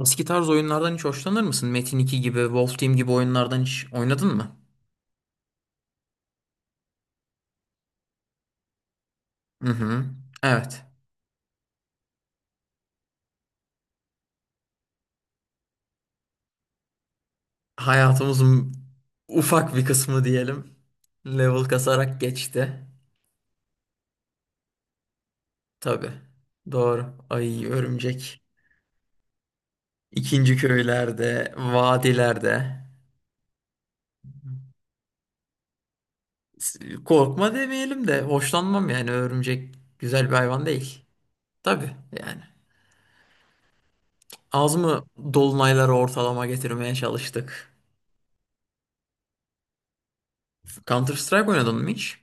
Eski tarz oyunlardan hiç hoşlanır mısın? Metin 2 gibi, Wolf Team gibi oyunlardan hiç oynadın mı? Hı hı. Evet. Hayatımızın ufak bir kısmı diyelim. Level kasarak geçti. Tabii. Doğru. Ay örümcek. İkinci köylerde, vadilerde. S- Korkma demeyelim de hoşlanmam yani örümcek güzel bir hayvan değil. Tabii yani. Az mı dolunayları ortalama getirmeye çalıştık? Counter Strike oynadın mı hiç?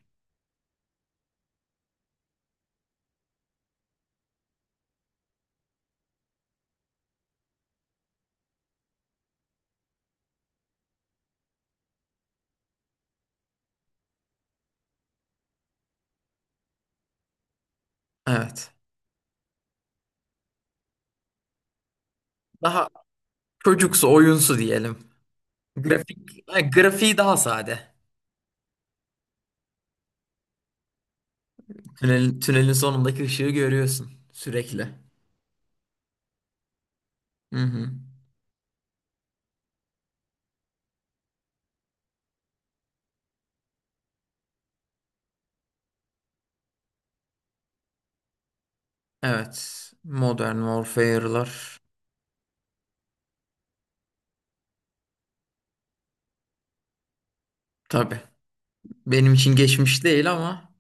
Evet. Daha çocuksu, oyunsu diyelim. Grafik, ha, Grafiği daha sade. Tünelin sonundaki ışığı görüyorsun sürekli. Hı hı. Evet. Modern Warfare'lar. Tabii. Benim için geçmiş değil ama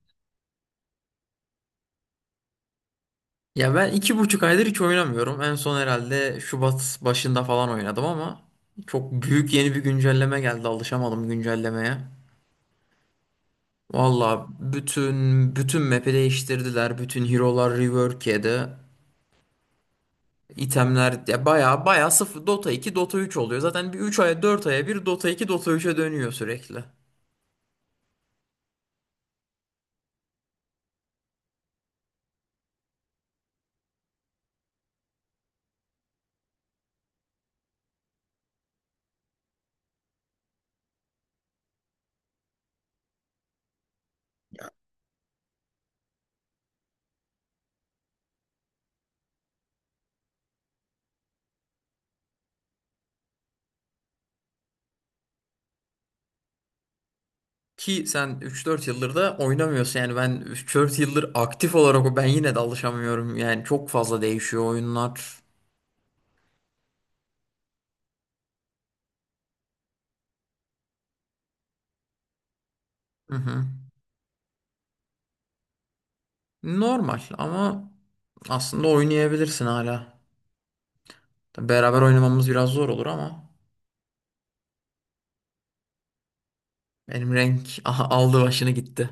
ya ben iki buçuk aydır hiç oynamıyorum. En son herhalde Şubat başında falan oynadım ama çok büyük yeni bir güncelleme geldi. Alışamadım güncellemeye. Valla bütün map'i değiştirdiler. Bütün hero'lar rework yedi. İtemler ya baya baya sıfır Dota iki Dota üç oluyor. Zaten bir 3 aya 4 aya bir Dota iki Dota üç'e dönüyor sürekli. Ki sen üç dört yıldır da oynamıyorsun yani ben 3-4 yıldır aktif olarak ben yine de alışamıyorum. Yani çok fazla değişiyor oyunlar. Hı hı. Normal ama aslında oynayabilirsin hala. Tabii beraber oynamamız biraz zor olur ama benim renk aha, aldı başını gitti.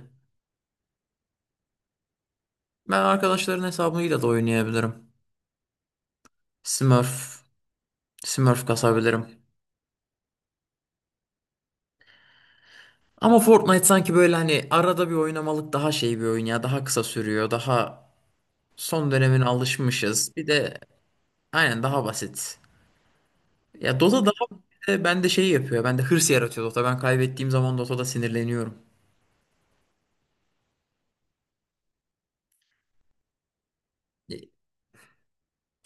Ben arkadaşların hesabıyla da oynayabilirim. Smurf, Smurf kasabilirim. Ama Fortnite sanki böyle hani arada bir oynamalık daha şey bir oyun ya. Daha kısa sürüyor. Daha son dönemine alışmışız. Bir de aynen daha basit. Ya Dota daha bende şey yapıyor. Bende hırs yaratıyor Dota. Ben kaybettiğim zaman Dota'da sinirleniyorum.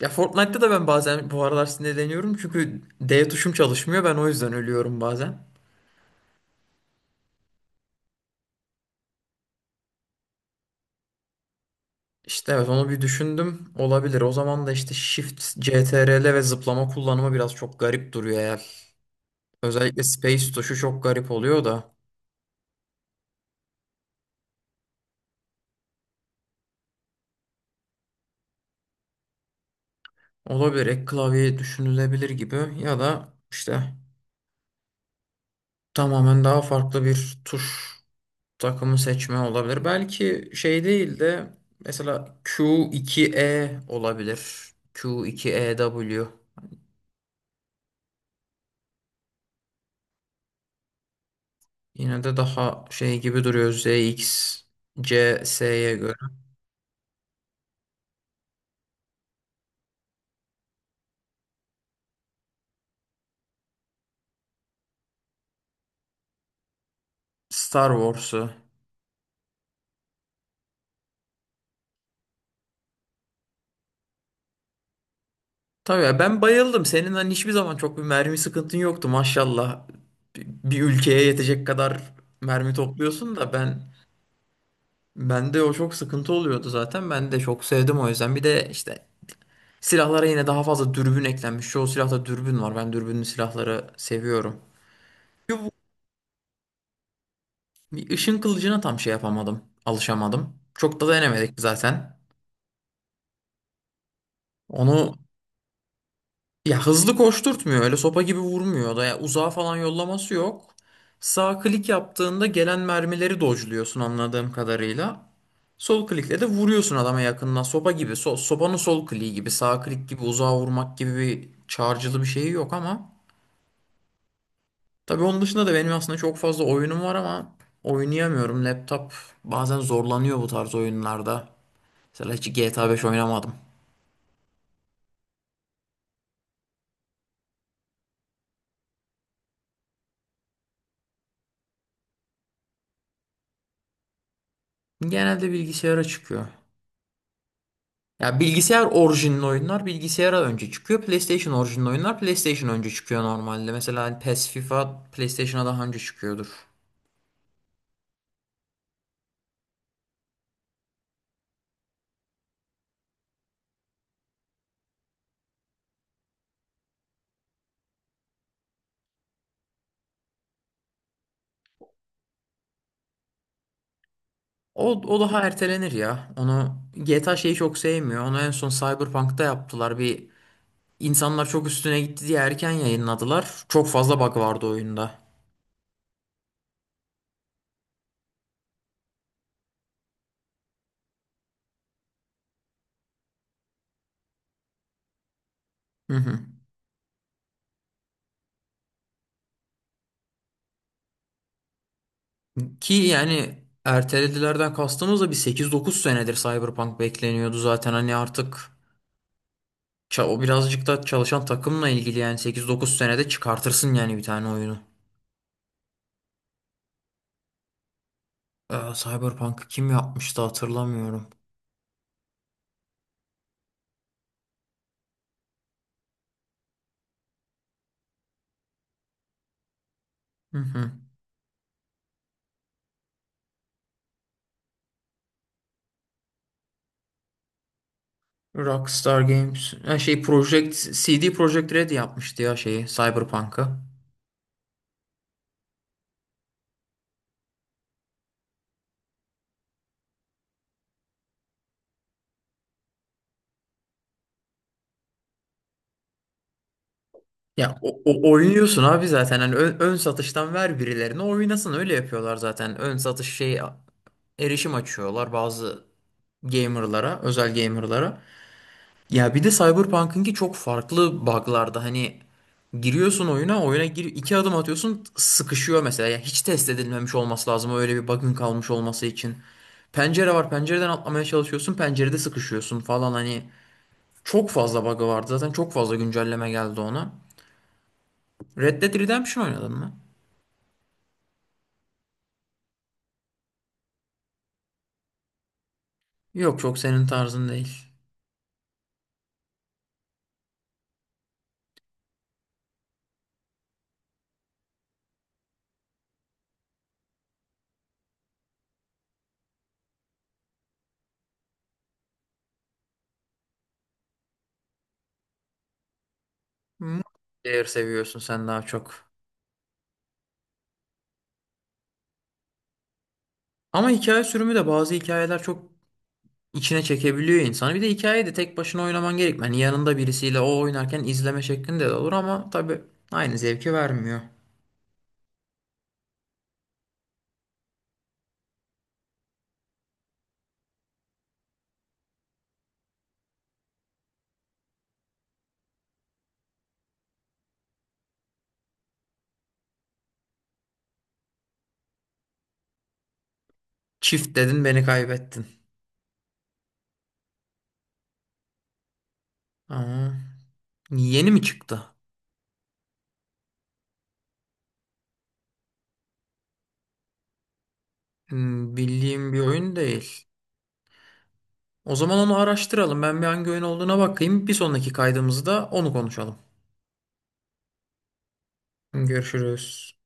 Ya Fortnite'da da ben bazen bu aralar sinirleniyorum. Çünkü D tuşum çalışmıyor. Ben o yüzden ölüyorum bazen. İşte evet onu bir düşündüm. Olabilir. O zaman da işte Shift, CTRL ve zıplama kullanımı biraz çok garip duruyor eğer. Özellikle Space tuşu çok garip oluyor da. Olabilir, ek klavye düşünülebilir gibi ya da işte tamamen daha farklı bir tuş takımı seçme olabilir. Belki şey değil de mesela Q2E olabilir. Q2EW yine de daha şey gibi duruyor ZX CS'ye göre. Star Wars'u. Tabii ya ben bayıldım. Senin hani hiçbir zaman çok bir mermi sıkıntın yoktu maşallah. Bir ülkeye yetecek kadar mermi topluyorsun da ben bende o çok sıkıntı oluyordu zaten. Ben de çok sevdim o yüzden. Bir de işte silahlara yine daha fazla dürbün eklenmiş. Çoğu silahta dürbün var. Ben dürbünlü silahları seviyorum. Şu bu- bir ışın kılıcına tam şey yapamadım. Alışamadım. Çok da denemedik zaten. Onu ya hızlı koşturtmuyor. Öyle sopa gibi vurmuyor da. Ya uzağa falan yollaması yok. Sağ klik yaptığında gelen mermileri dodge'luyorsun anladığım kadarıyla. Sol klikle de vuruyorsun adama yakından. Sopa gibi. Sopanın sol kliği gibi. Sağ klik gibi uzağa vurmak gibi bir çağrıcılı bir şeyi yok ama. Tabii onun dışında da benim aslında çok fazla oyunum var ama oynayamıyorum. Laptop bazen zorlanıyor bu tarz oyunlarda. Mesela hiç GTA 5 oynamadım. Genelde bilgisayara çıkıyor. Ya bilgisayar orijinli oyunlar bilgisayara önce çıkıyor. PlayStation orijinli oyunlar PlayStation önce çıkıyor normalde. Mesela hani PES, FIFA PlayStation'a daha önce çıkıyordur. O daha ertelenir ya. Onu GTA şeyi çok sevmiyor. Onu en son Cyberpunk'ta yaptılar. Bir insanlar çok üstüne gitti diye erken yayınladılar. Çok fazla bug vardı oyunda. Hı hı. Ki yani erteledilerden kastımız da bir 8-9 senedir Cyberpunk bekleniyordu zaten. Hani artık o birazcık da çalışan takımla ilgili yani 8-9 senede çıkartırsın yani bir tane oyunu. Cyberpunk'ı kim yapmıştı hatırlamıyorum. Hı hı. Rockstar Games. Ha şey Project CD Projekt Red yapmıştı ya şeyi Cyberpunk'ı. Ya oynuyorsun abi zaten hani ön satıştan ver birilerine oynasın, öyle yapıyorlar zaten. Ön satış şey erişim açıyorlar bazı gamerlara, özel gamerlara. Ya bir de Cyberpunk'ınki çok farklı bug'larda hani giriyorsun oyuna, oyuna gir iki adım atıyorsun sıkışıyor mesela. Ya hiç test edilmemiş olması lazım öyle bir bug'ın kalmış olması için. Pencere var, pencereden atlamaya çalışıyorsun, pencerede sıkışıyorsun falan, hani çok fazla bug'ı vardı zaten, çok fazla güncelleme geldi ona. Red Dead Redemption oynadın mı? Yok çok senin tarzın değil. Multiplayer seviyorsun sen daha çok. Ama hikaye sürümü de bazı hikayeler çok içine çekebiliyor insanı. Bir de hikayeyi de tek başına oynaman gerekmiyor. Yani yanında birisiyle o oynarken izleme şeklinde de olur ama tabii aynı zevki vermiyor. Çift dedin, beni kaybettin. Ama yeni mi çıktı? Hmm, bildiğim bir oyun değil. O zaman onu araştıralım. Ben bir hangi oyun olduğuna bakayım. Bir sonraki kaydımızda onu konuşalım. Görüşürüz.